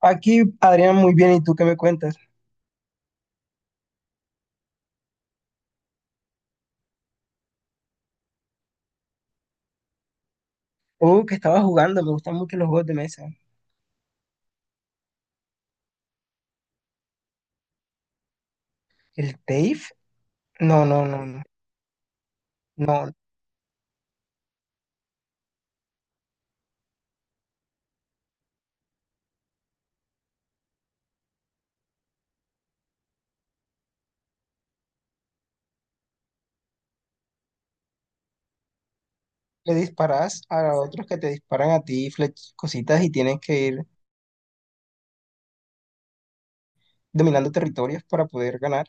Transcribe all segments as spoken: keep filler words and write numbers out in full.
Aquí, Adrián, muy bien. ¿Y tú qué me cuentas? Oh, que estaba jugando. Me gustan mucho los juegos de mesa. ¿El T A F E? No, no, no, no. No, le disparas a otros que te disparan a ti flech- cositas y tienes que ir dominando territorios para poder ganar.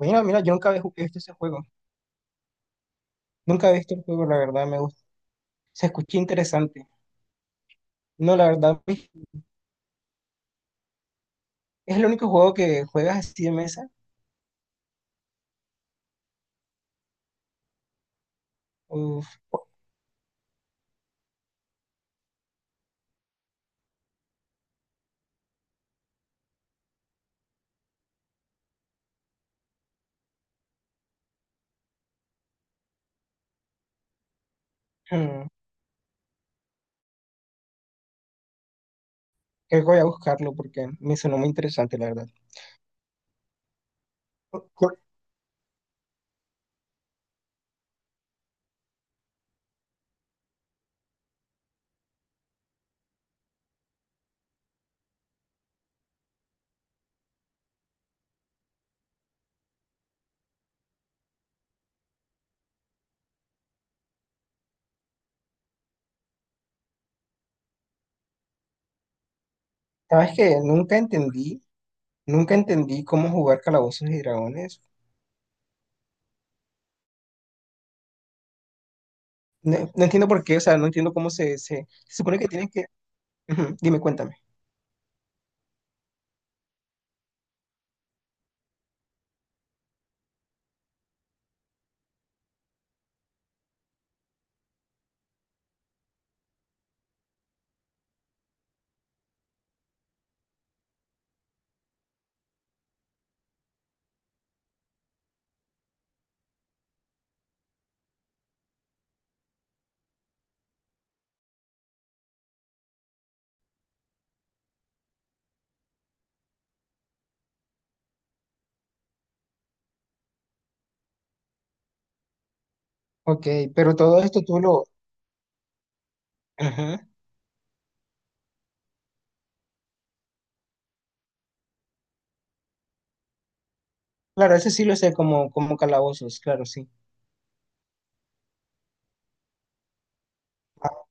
Mira, mira, yo nunca había ju- visto ese juego. Nunca había visto el juego, la verdad, me gusta. Se escucha interesante. No, la verdad, es el único juego que juegas así de mesa. Uf, hmm, creo que voy a buscarlo porque me sonó muy interesante, la verdad. Por- por- Sabes que nunca entendí Nunca entendí cómo jugar Calabozos y Dragones. No, no entiendo por qué, o sea, no entiendo cómo se, se, se supone que tienes que... Ujú, dime, cuéntame. Ok, pero todo esto tú lo... Ujú. Claro, ese sí lo sé como, como Calabozos, claro, sí. Ah,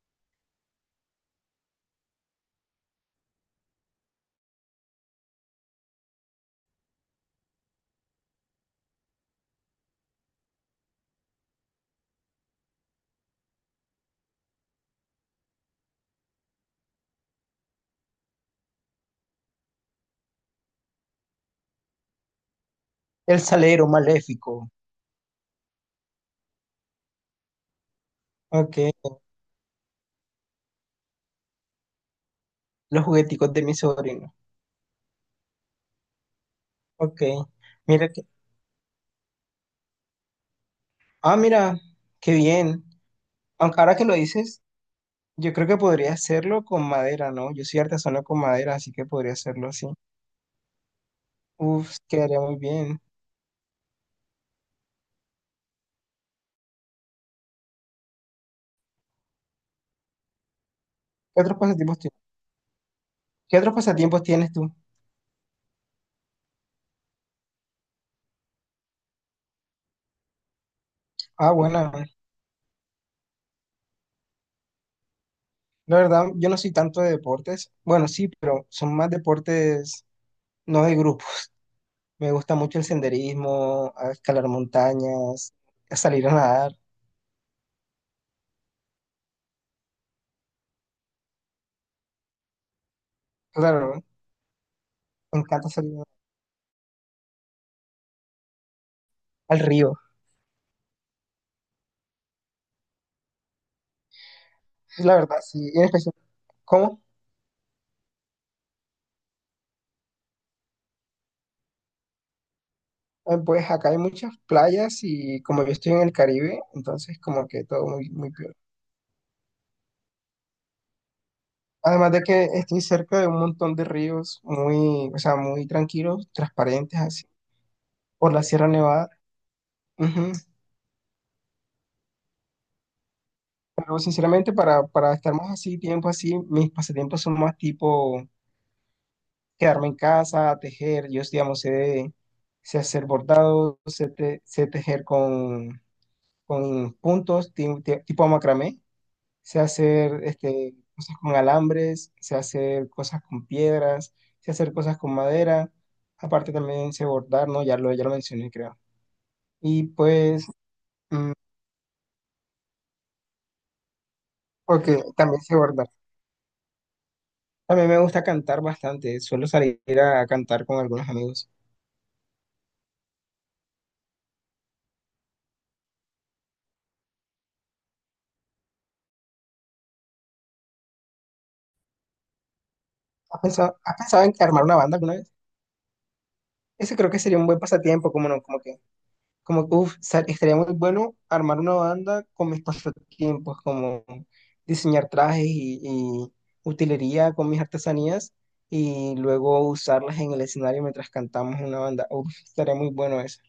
el salero maléfico. Ok, los jugueticos de mi sobrino. Ok, mira que... Ah, mira, qué bien. Aunque ahora que lo dices, yo creo que podría hacerlo con madera, ¿no? Yo soy artesano con madera, así que podría hacerlo así. Uf, quedaría muy bien. ¿Qué otros pasatiempos ¿Qué otros pasatiempos tienes tú? Ah, bueno, la verdad, yo no soy tanto de deportes. Bueno, sí, pero son más deportes no de grupo. Me gusta mucho el senderismo, a escalar montañas, a salir a nadar. Claro, me encanta salir al río. La verdad, sí. Y en especial, ¿cómo? Eh, Pues acá hay muchas playas y como yo estoy en el Caribe, entonces como que todo muy, muy peor. Además de que estoy cerca de un montón de ríos muy, o sea, muy tranquilos, transparentes así, por la Sierra Nevada. Ujú. No, sinceramente, para, para estar más así, tiempo así, mis pasatiempos son más tipo quedarme en casa, tejer. Yo, digamos, sé, sé hacer bordado, sé, te- sé tejer con, con puntos, ti- ti- tipo macramé. Sé hacer este, cosas con alambres, sé hacer cosas con piedras, sé hacer cosas con madera. Aparte también sé bordar, ¿no? Ya lo, ya lo mencioné, creo. Y pues, mm, ok, también sé bordar. A mí me gusta cantar bastante, suelo salir a cantar con algunos amigos. ¿Has pensado, has pensado en armar una banda alguna vez? Ese creo que sería un buen pasatiempo, como no, como que, como que, estaría muy bueno armar una banda con mis pasatiempos, como diseñar trajes y, y utilería con mis artesanías y luego usarlas en el escenario mientras cantamos una banda. Uf, estaría muy bueno eso.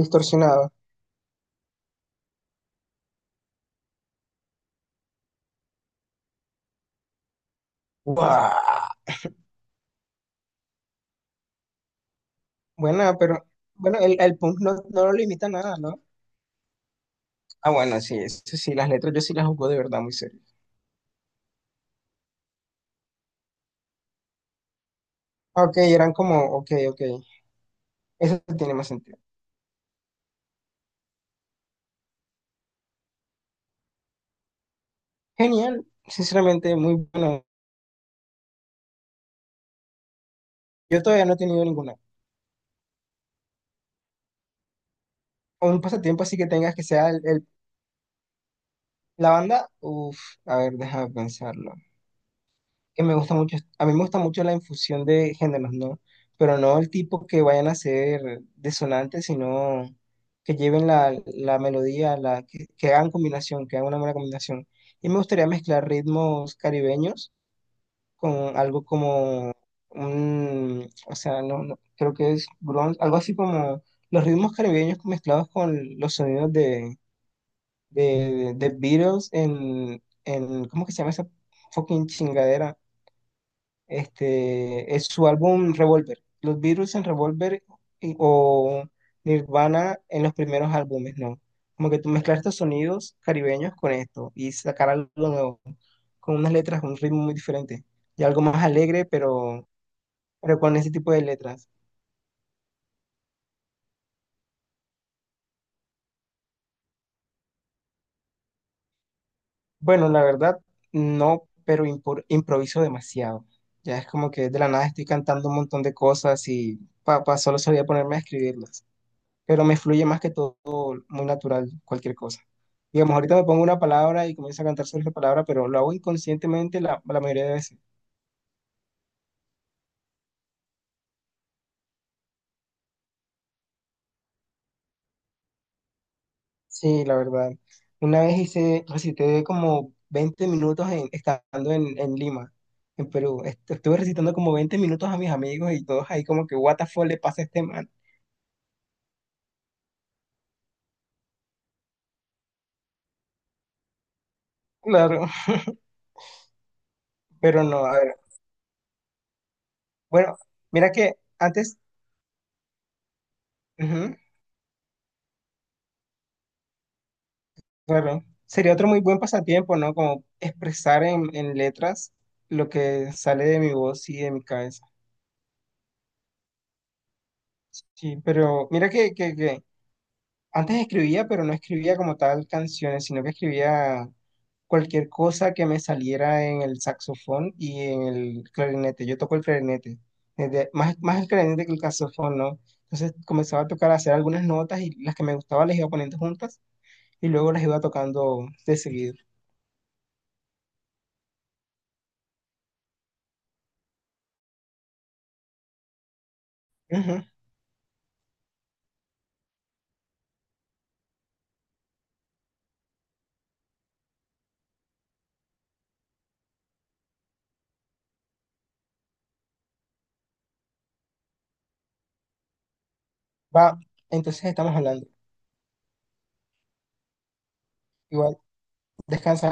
Distorsionado. Buah. Buena, pero bueno, el, el punk no, no lo limita a nada, ¿no? Ah, bueno, sí, eso sí, las letras yo sí las jugó de verdad muy serio. Ok, eran como, ok, ok, eso tiene más sentido. Genial, sinceramente, muy bueno. Yo todavía no he tenido ninguna. Un pasatiempo así que tengas que sea el, el- la banda, uff, a ver, déjame pensarlo. Que me gusta mucho, A mí me gusta mucho la infusión de géneros, ¿no? Pero no el tipo que vayan a ser desonantes, sino que lleven la, la melodía, la, que, que hagan combinación, que hagan una buena combinación. Y me gustaría mezclar ritmos caribeños con algo como un, o sea, no, no, creo que es grunge, algo así como los ritmos caribeños mezclados con los sonidos de, de, de Beatles en, en, ¿cómo que se llama esa fucking chingadera? Este, es su álbum Revolver, los Beatles en Revolver y- o Nirvana en los primeros álbumes, ¿no? Como que tú mezclar estos sonidos caribeños con esto y sacar algo nuevo, con unas letras, un ritmo muy diferente y algo más alegre, pero pero con ese tipo de letras. Bueno, la verdad, no, pero impor- improviso demasiado. Ya es como que de la nada estoy cantando un montón de cosas y papá, solo solía ponerme a escribirlas. Pero me fluye más que todo, muy natural, cualquier cosa. Digamos, ahorita me pongo una palabra y comienzo a cantar sobre esa palabra, pero lo hago inconscientemente la, la mayoría de veces. Sí, la verdad. Una vez hice, recité como veinte minutos en- estando en, en Lima, en Perú. Est- Estuve recitando como veinte minutos a mis amigos y todos ahí como que, what the fuck le pasa a este man. Claro, pero no, a ver. Bueno, mira que antes, ujú, claro, sería otro muy buen pasatiempo, ¿no? Como expresar en, en letras lo que sale de mi voz y de mi cabeza. Sí, pero mira que, que, que antes escribía, pero no escribía como tal canciones, sino que escribía cualquier cosa que me saliera en el saxofón y en el clarinete. Yo toco el clarinete, desde- más, más el clarinete que el saxofón, ¿no? Entonces comenzaba a tocar, a hacer algunas notas y las que me gustaban las iba poniendo juntas y luego las iba tocando de seguido. Ujú. Va, entonces estamos hablando. Igual, descansa.